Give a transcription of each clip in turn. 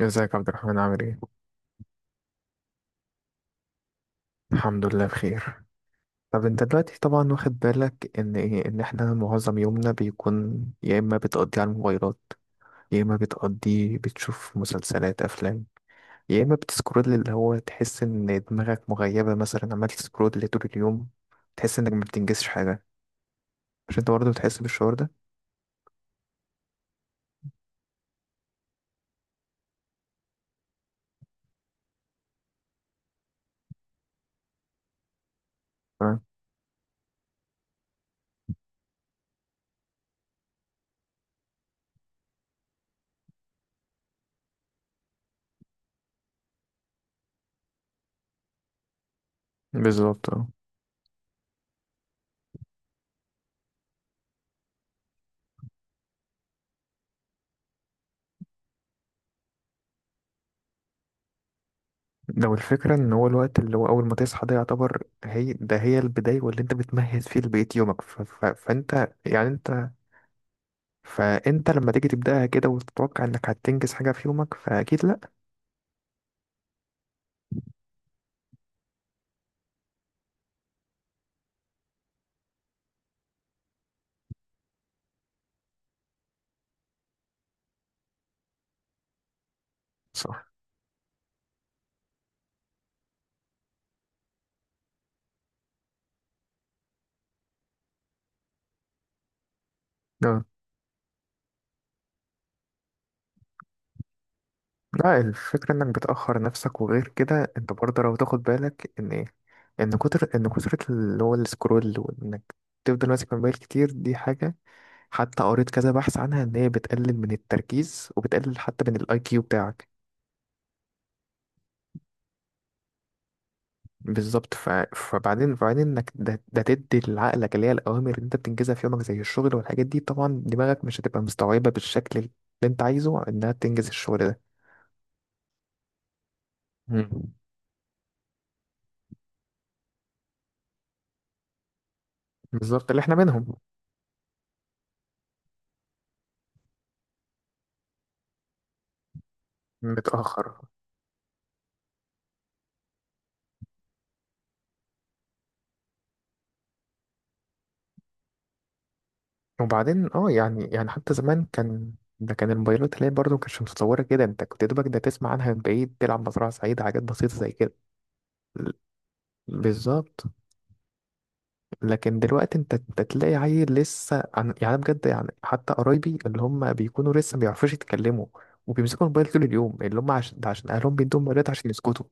ازيك يا عبد الرحمن، عامل ايه؟ الحمد لله بخير. طب انت دلوقتي طبعا واخد بالك ان ايه، ان احنا معظم يومنا بيكون يا اما بتقضيه على الموبايلات، يا اما بتقضيه بتشوف مسلسلات افلام، يا اما بتسكرول، اللي هو تحس ان دماغك مغيبة، مثلا عمال تسكرول طول اليوم تحس انك ما بتنجزش حاجة. مش انت برضه بتحس بالشعور ده؟ تمام. بالظبط اه. لو الفكرة ان هو الوقت اللي هو اول ما تصحى ده يعتبر هي ده هي البداية واللي انت بتمهد فيه لبقية يومك، فانت يعني انت، فانت لما تيجي تبداها كده وتتوقع انك هتنجز حاجه في يومك فاكيد لا. صح. لا، لا الفكره انك بتاخر نفسك، وغير كده انت برضه لو تاخد بالك ان ايه، ان كتر اللي هو السكرول، وانك تفضل ماسك الموبايل كتير دي حاجه. حتى قريت كذا بحث عنها ان هي بتقلل من التركيز وبتقلل حتى من الاي كيو بتاعك. بالظبط. فبعدين انك ده تدي لعقلك اللي هي الاوامر اللي انت بتنجزها في يومك زي الشغل والحاجات دي، طبعا دماغك مش هتبقى مستوعبه بالشكل اللي انت عايزه انها تنجز الشغل ده. مم. بالظبط اللي احنا منهم. متاخر. وبعدين اه، يعني حتى زمان كان، ده كان الموبايلات اللي هي برضه مكانتش متطوره كده، انت كنت يا دوبك ده تسمع عنها من بعيد، تلعب مزرعه سعيده، حاجات بسيطه زي كده. بالظبط. لكن دلوقتي انت تلاقي عيل لسه عن... يعني أنا بجد، يعني حتى قرايبي اللي هم بيكونوا لسه ما بيعرفوش يتكلموا وبيمسكوا الموبايل طول اليوم، اللي هم عشان ده عشان اهلهم بيدوهم موبايلات عشان يسكتوا،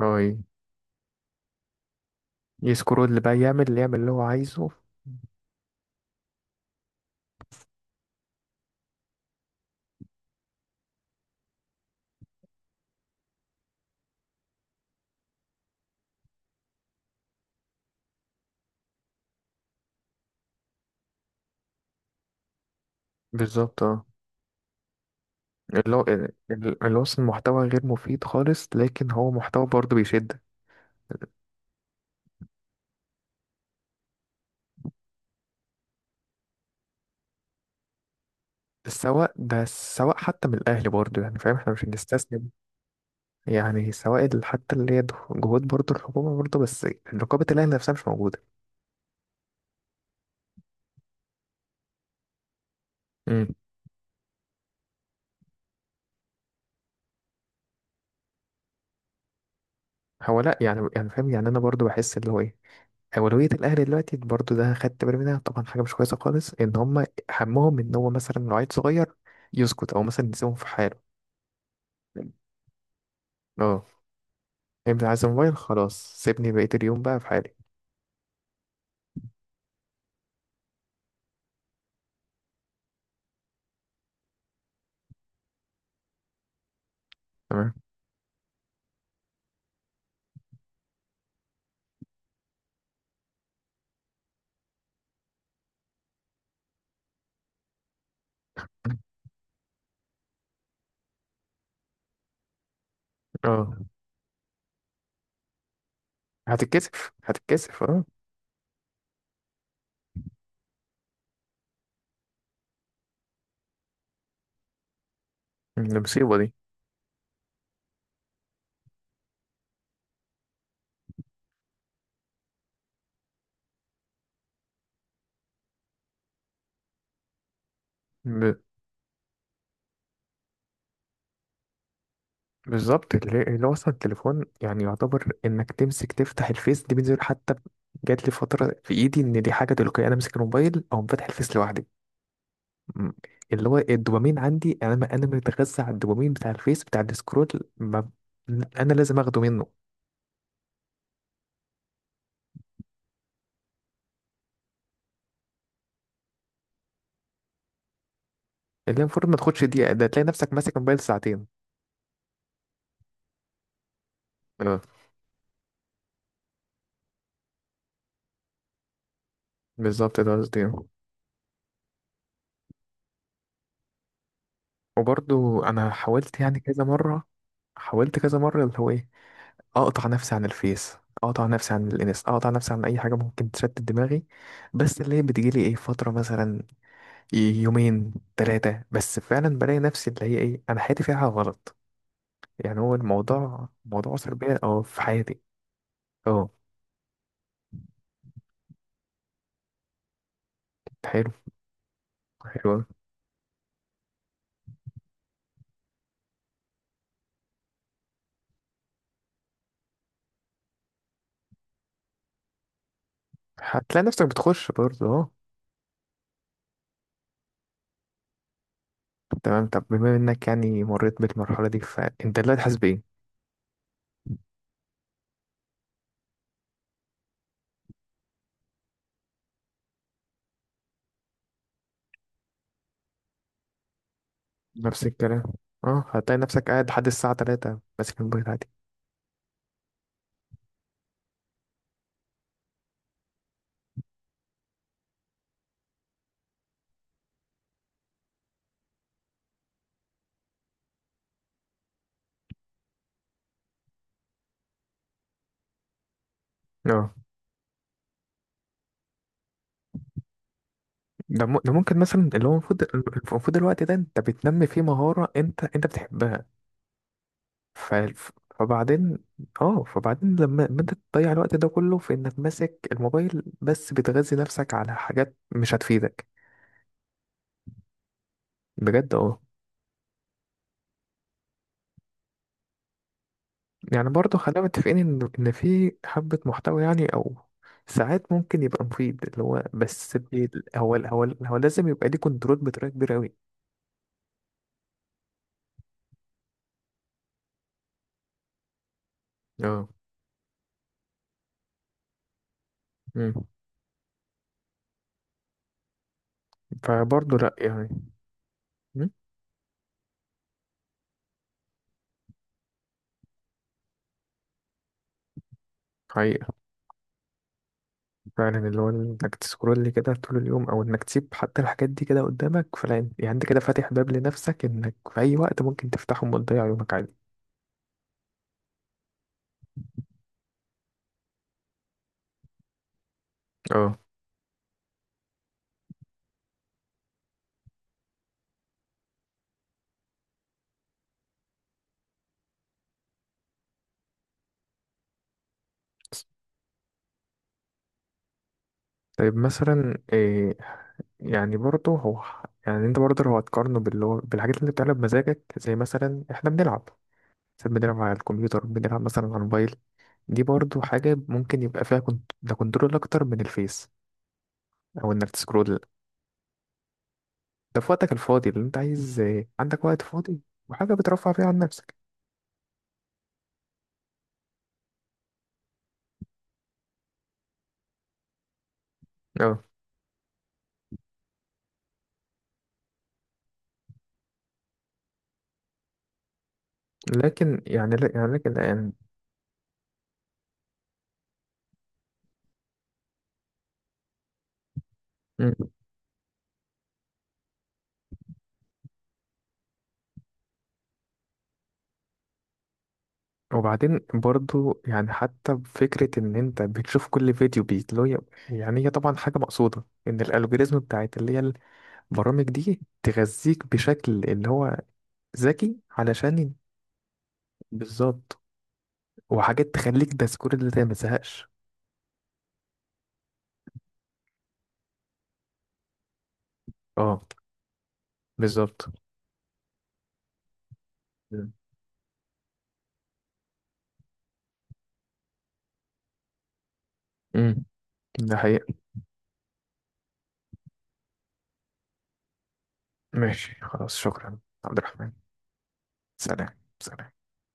اي يسكروا اللي بقى يعمل اللي يعمل اللي هو عايزه. بالظبط اه. اللي هو اللي هو أصلاً محتوى غير مفيد خالص، لكن هو محتوى برضه بيشد. سواء ده، سواء حتى من الأهل برضه، يعني فاهم احنا مش هنستسلم. يعني سواء ال- حتى اللي هي جهود برضه الحكومة برضه، بس رقابة الأهل نفسها مش موجودة. هو لا، يعني يعني فاهم، يعني انا برضو بحس اللي هو ايه، اولويه الاهلي دلوقتي برضو ده خدت بالي منها، طبعا حاجه مش كويسه خالص ان هم همهم ان هو مثلا لو عيل صغير يسكت او مثلا يسيبهم في حاله. اه. انت عايز موبايل خلاص سيبني بقيه اليوم بقى في حالي. تمام. اه. هتتكسف اه. المصيبه دي. ب... بالظبط. اللي اللي هو اصلا التليفون يعني، يعتبر انك تمسك تفتح الفيس دي بنزل، حتى جات لي فتره في ايدي ان دي حاجه تلقائيه انا امسك الموبايل او فاتح الفيس لوحدي. مم. اللي هو الدوبامين عندي، انا ما انا متغذى على الدوبامين بتاع الفيس بتاع السكرول، ما انا لازم اخده منه. اللي المفروض ما تاخدش دقيقه ده تلاقي نفسك ماسك موبايل ساعتين. اه بالظبط ده قصدي. وبرضو انا حاولت يعني كذا مره، حاولت كذا مره اللي هو ايه، اقطع نفسي عن الفيس، اقطع نفسي عن الانس، اقطع نفسي عن اي حاجه ممكن تشتت دماغي. بس اللي هي بتجيلي ايه، فتره مثلا يومين ثلاثه بس فعلا بلاقي نفسي اللي هي ايه، انا حياتي فيها غلط. يعني هو الموضوع موضوع سلبية أو في حياتي؟ اه. حلو. حلو أوي. هتلاقي نفسك بتخش برضه اه. تمام. طب بما انك يعني مريت بالمرحلة دي، فانت دلوقتي حاسس بإيه؟ نفس الكلام. اه هتلاقي نفسك قاعد لحد الساعة تلاتة ماسك الموبايل عادي. اه ده ممكن مثلا اللي هو المفروض الوقت ده انت بتنمي فيه مهارة انت بتحبها. ف... فبعدين اه، فبعدين لما انت تضيع الوقت ده كله في انك ماسك الموبايل بس بتغذي نفسك على حاجات مش هتفيدك. بجد اه. يعني برضه خلينا متفقين ان في حبة محتوى يعني او ساعات ممكن يبقى مفيد اللي هو بس هو لازم يبقى ليه كنترول بطريقة كبيرة قوي. اه. مم. فبرضه لا يعني. مم. حقيقة. فعلا اللي هو انك تسكرول كده طول اليوم او انك تسيب حتى الحاجات دي كده قدامك، فلا انت- يعني انت كده فاتح باب لنفسك انك في اي وقت ممكن تفتحهم وتضيع يومك عادي. اه. طيب مثلا يعني برضه هو، يعني انت برضه لو هتقارنه باللي هو بالحاجات اللي بتعملها بمزاجك زي مثلا احنا بنلعب ساعات، بنلعب على الكمبيوتر، بنلعب مثلا على الموبايل، دي برضه حاجة ممكن يبقى فيها ده كنترول أكتر من الفيس، أو إنك تسكرول، ده في وقتك الفاضي اللي انت عايز، عندك وقت فاضي وحاجة بترفع فيها عن نفسك. اه لكن يعني لا، يعني لكن يعني. مم. وبعدين برضه يعني حتى فكرة إن أنت بتشوف كل فيديو بيتلو، يعني هي طبعا حاجة مقصودة، إن الألجوريزم بتاعت اللي هي البرامج دي تغذيك بشكل اللي هو ذكي علشان بالظبط. وحاجات تخليك ده سكور اللي انت ما تزهقش. اه بالظبط. امم. ده حقيقة. ماشي خلاص، شكرا عبد الرحمن. سلام سلام.